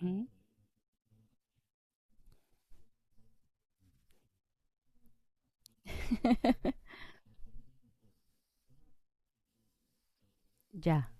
Ujú. Ya,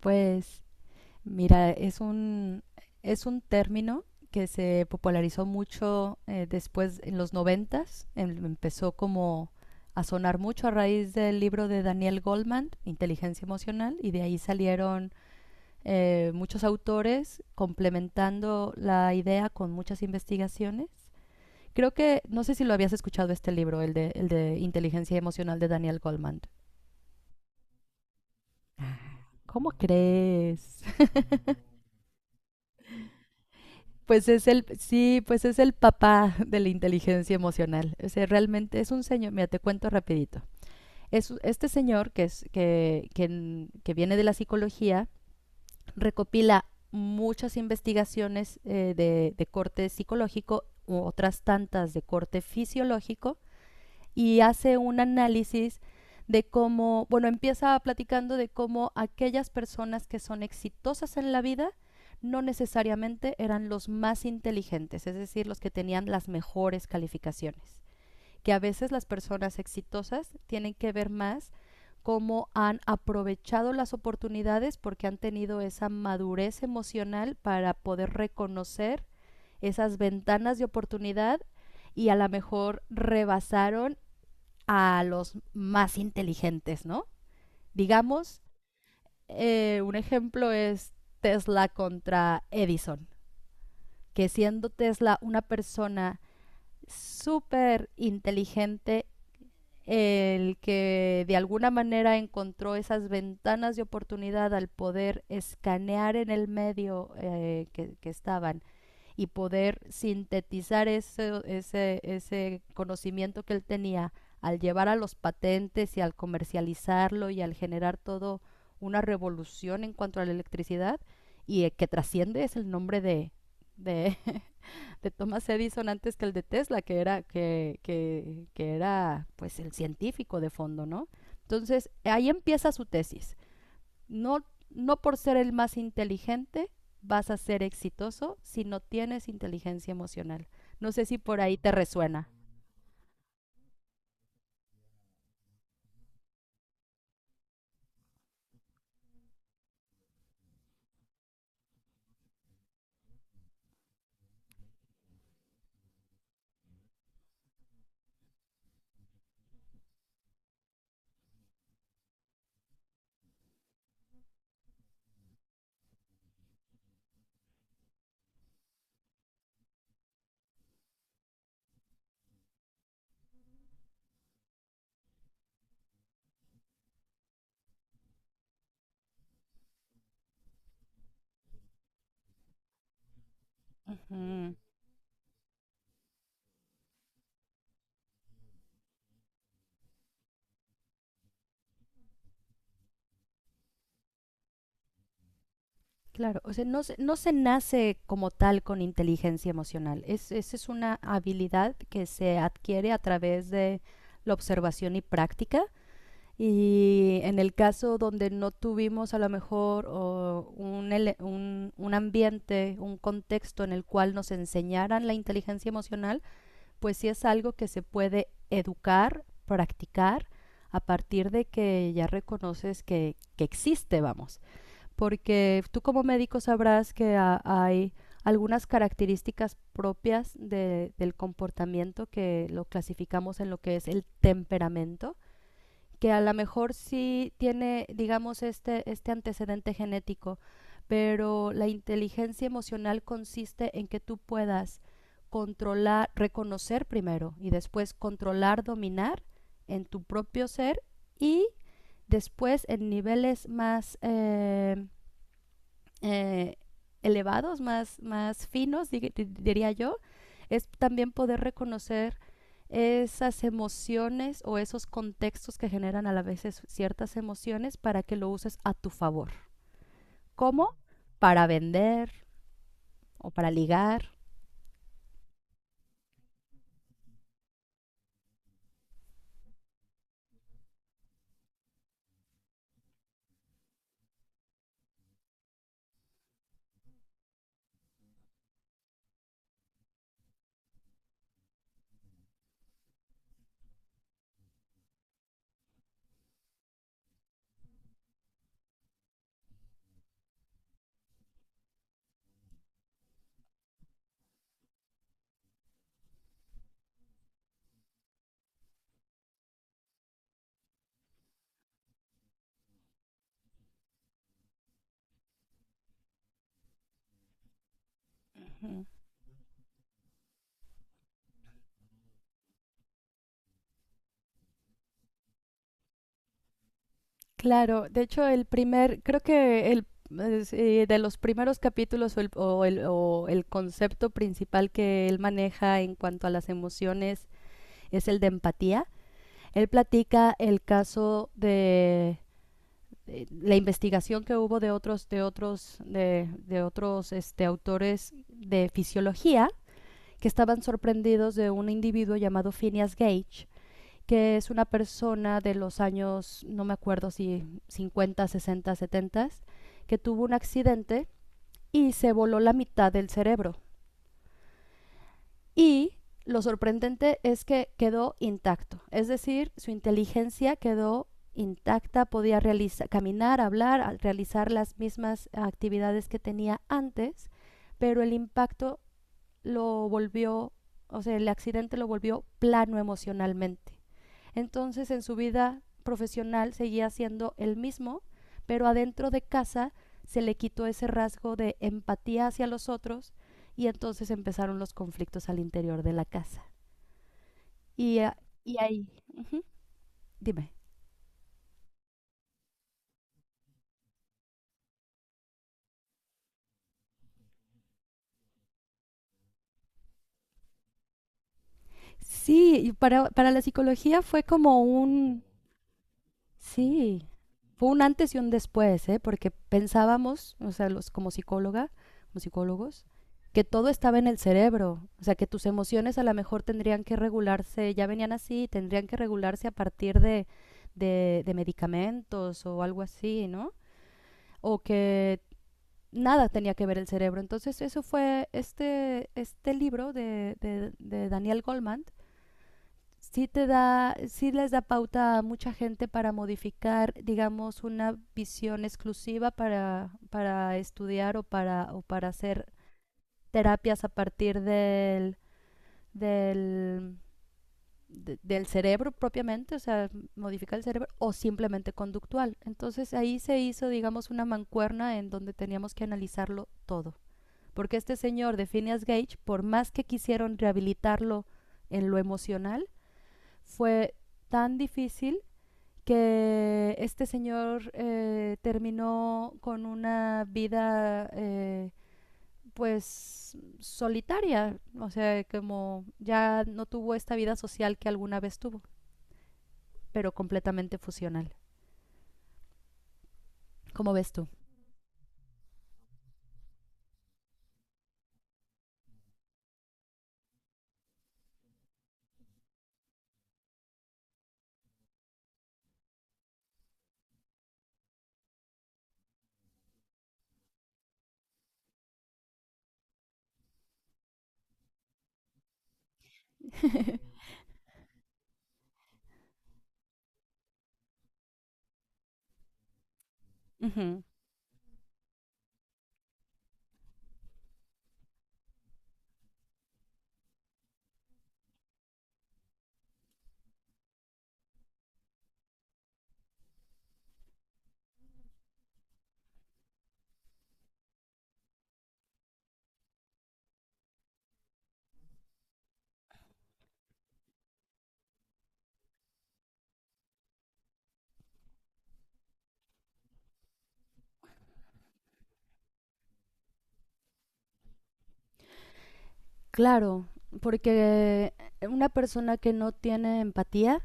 pues mira, es un término que se popularizó mucho después en los noventas, empezó como a sonar mucho a raíz del libro de Daniel Goldman, Inteligencia Emocional, y de ahí salieron muchos autores complementando la idea con muchas investigaciones. Creo que, no sé si lo habías escuchado este libro, el de Inteligencia Emocional de Daniel Goldman. ¿Cómo crees? Pues es el, sí, pues es el papá de la inteligencia emocional. O sea, realmente es un señor, mira, te cuento rapidito. Es, este señor que, es, que, que viene de la psicología, recopila muchas investigaciones de corte psicológico u otras tantas de corte fisiológico y hace un análisis de cómo, bueno, empieza platicando de cómo aquellas personas que son exitosas en la vida no necesariamente eran los más inteligentes, es decir, los que tenían las mejores calificaciones, que a veces las personas exitosas tienen que ver más cómo han aprovechado las oportunidades porque han tenido esa madurez emocional para poder reconocer esas ventanas de oportunidad y a lo mejor rebasaron a los más inteligentes, ¿no? Digamos, un ejemplo es Tesla contra Edison, que siendo Tesla una persona súper inteligente, el que de alguna manera encontró esas ventanas de oportunidad al poder escanear en el medio que estaban y poder sintetizar ese conocimiento que él tenía al llevar a los patentes y al comercializarlo y al generar todo una revolución en cuanto a la electricidad, y el que trasciende es el nombre de, de Thomas Edison antes que el de Tesla, que era, que era pues el científico de fondo, ¿no? Entonces, ahí empieza su tesis. No, no por ser el más inteligente vas a ser exitoso si no tienes inteligencia emocional. No sé si por ahí te resuena. Ujú. Claro, o sea, no se nace como tal con inteligencia emocional. Es, esa es una habilidad que se adquiere a través de la observación y práctica. Y en el caso donde no tuvimos a lo mejor o un, un ambiente, un contexto en el cual nos enseñaran la inteligencia emocional, pues sí es algo que se puede educar, practicar, a partir de que ya reconoces que existe, vamos. Porque tú como médico sabrás que hay algunas características propias del comportamiento que lo clasificamos en lo que es el temperamento, que a lo mejor sí tiene, digamos, este antecedente genético, pero la inteligencia emocional consiste en que tú puedas controlar, reconocer primero y después controlar, dominar en tu propio ser, y después en niveles más eh, elevados, más, más finos, diría yo, es también poder reconocer esas emociones o esos contextos que generan a la vez ciertas emociones para que lo uses a tu favor. ¿Cómo? Para vender o para ligar. Ujú. Claro, de hecho el primer, creo que el es, de los primeros capítulos o el, o el concepto principal que él maneja en cuanto a las emociones es el de empatía. Él platica el caso de, la investigación que hubo de otros este, autores de fisiología que estaban sorprendidos de un individuo llamado Phineas Gage, que es una persona de los años, no me acuerdo si 50, 60, 70, que tuvo un accidente y se voló la mitad del cerebro. Y lo sorprendente es que quedó intacto, es decir, su inteligencia quedó intacta, podía realizar, caminar, hablar, realizar las mismas actividades que tenía antes, pero el impacto lo volvió, o sea, el accidente lo volvió plano emocionalmente. Entonces en su vida profesional seguía siendo el mismo, pero adentro de casa se le quitó ese rasgo de empatía hacia los otros y entonces empezaron los conflictos al interior de la casa. Y, y ahí, ujú, dime. Sí, y para la psicología fue como un, sí, fue un antes y un después, ¿eh? Porque pensábamos, o sea, los como psicóloga, como psicólogos, que todo estaba en el cerebro, o sea, que tus emociones a lo mejor tendrían que regularse, ya venían así, tendrían que regularse a partir de medicamentos o algo así, ¿no? O que nada tenía que ver el cerebro. Entonces, eso fue este, este libro de Daniel Goldman, sí te da, sí les da pauta a mucha gente para modificar, digamos, una visión exclusiva para estudiar o para hacer terapias a partir del, del cerebro propiamente, o sea, modificar el cerebro, o simplemente conductual. Entonces ahí se hizo, digamos, una mancuerna en donde teníamos que analizarlo todo. Porque este señor de Phineas Gage, por más que quisieron rehabilitarlo en lo emocional, fue tan difícil que este señor terminó con una vida pues solitaria, o sea, como ya no tuvo esta vida social que alguna vez tuvo, pero completamente fusional. ¿Cómo ves tú? Ujú. Claro, porque una persona que no tiene empatía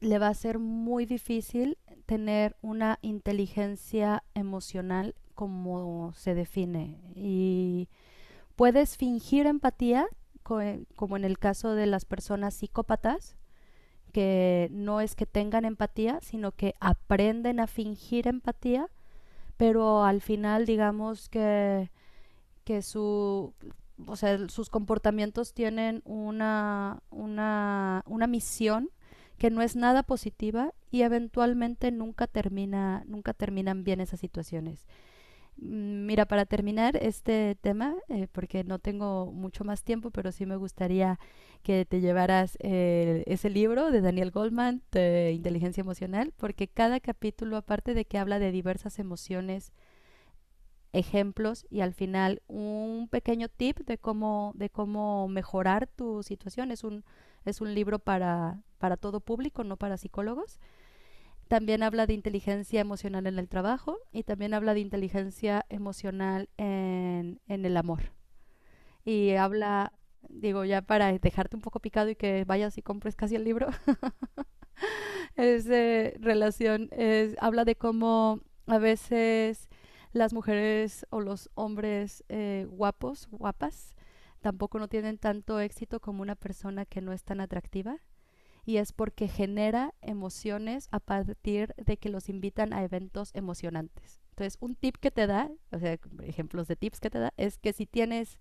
le va a ser muy difícil tener una inteligencia emocional como se define. Y puedes fingir empatía, como en el caso de las personas psicópatas, que no es que tengan empatía, sino que aprenden a fingir empatía, pero al final digamos que su, o sea, sus comportamientos tienen una misión que no es nada positiva y eventualmente nunca termina, nunca terminan bien esas situaciones. Mira, para terminar este tema, porque no tengo mucho más tiempo, pero sí me gustaría que te llevaras ese libro de Daniel Goldman, de Inteligencia Emocional, porque cada capítulo, aparte de que habla de diversas emociones, ejemplos y al final un pequeño tip de cómo mejorar tu situación, es un libro para todo público, no para psicólogos. También habla de inteligencia emocional en el trabajo y también habla de inteligencia emocional en el amor. Y habla, digo, ya para dejarte un poco picado y que vayas y compres casi el libro, es relación, es, habla de cómo a veces las mujeres o los hombres guapos, guapas, tampoco no tienen tanto éxito como una persona que no es tan atractiva, y es porque genera emociones a partir de que los invitan a eventos emocionantes. Entonces, un tip que te da, o sea, ejemplos de tips que te da, es que si tienes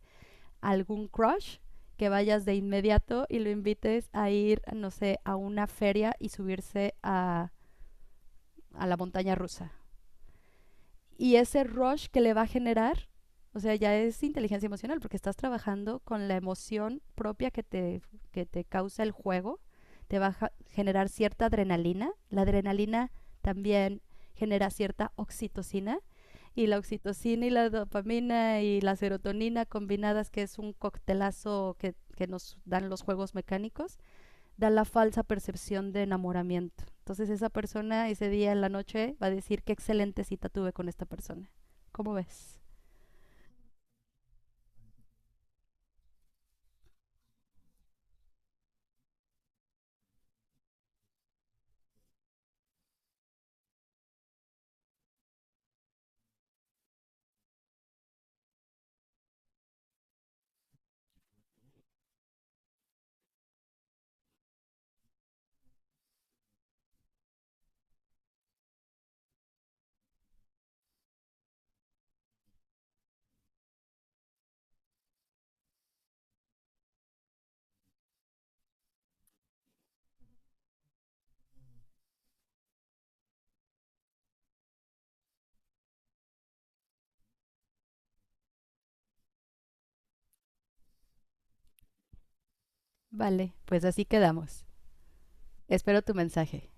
algún crush, que vayas de inmediato y lo invites a ir, no sé, a una feria y subirse a la montaña rusa y ese rush que le va a generar, o sea, ya es inteligencia emocional porque estás trabajando con la emoción propia que te causa el juego, te va a generar cierta adrenalina, la adrenalina también genera cierta oxitocina y la dopamina y la serotonina combinadas, que es un coctelazo que nos dan los juegos mecánicos, da la falsa percepción de enamoramiento. Entonces esa persona ese día en la noche va a decir qué excelente cita tuve con esta persona. ¿Cómo ves? Vale, pues así quedamos. Espero tu mensaje.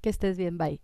Que estés bien, bye.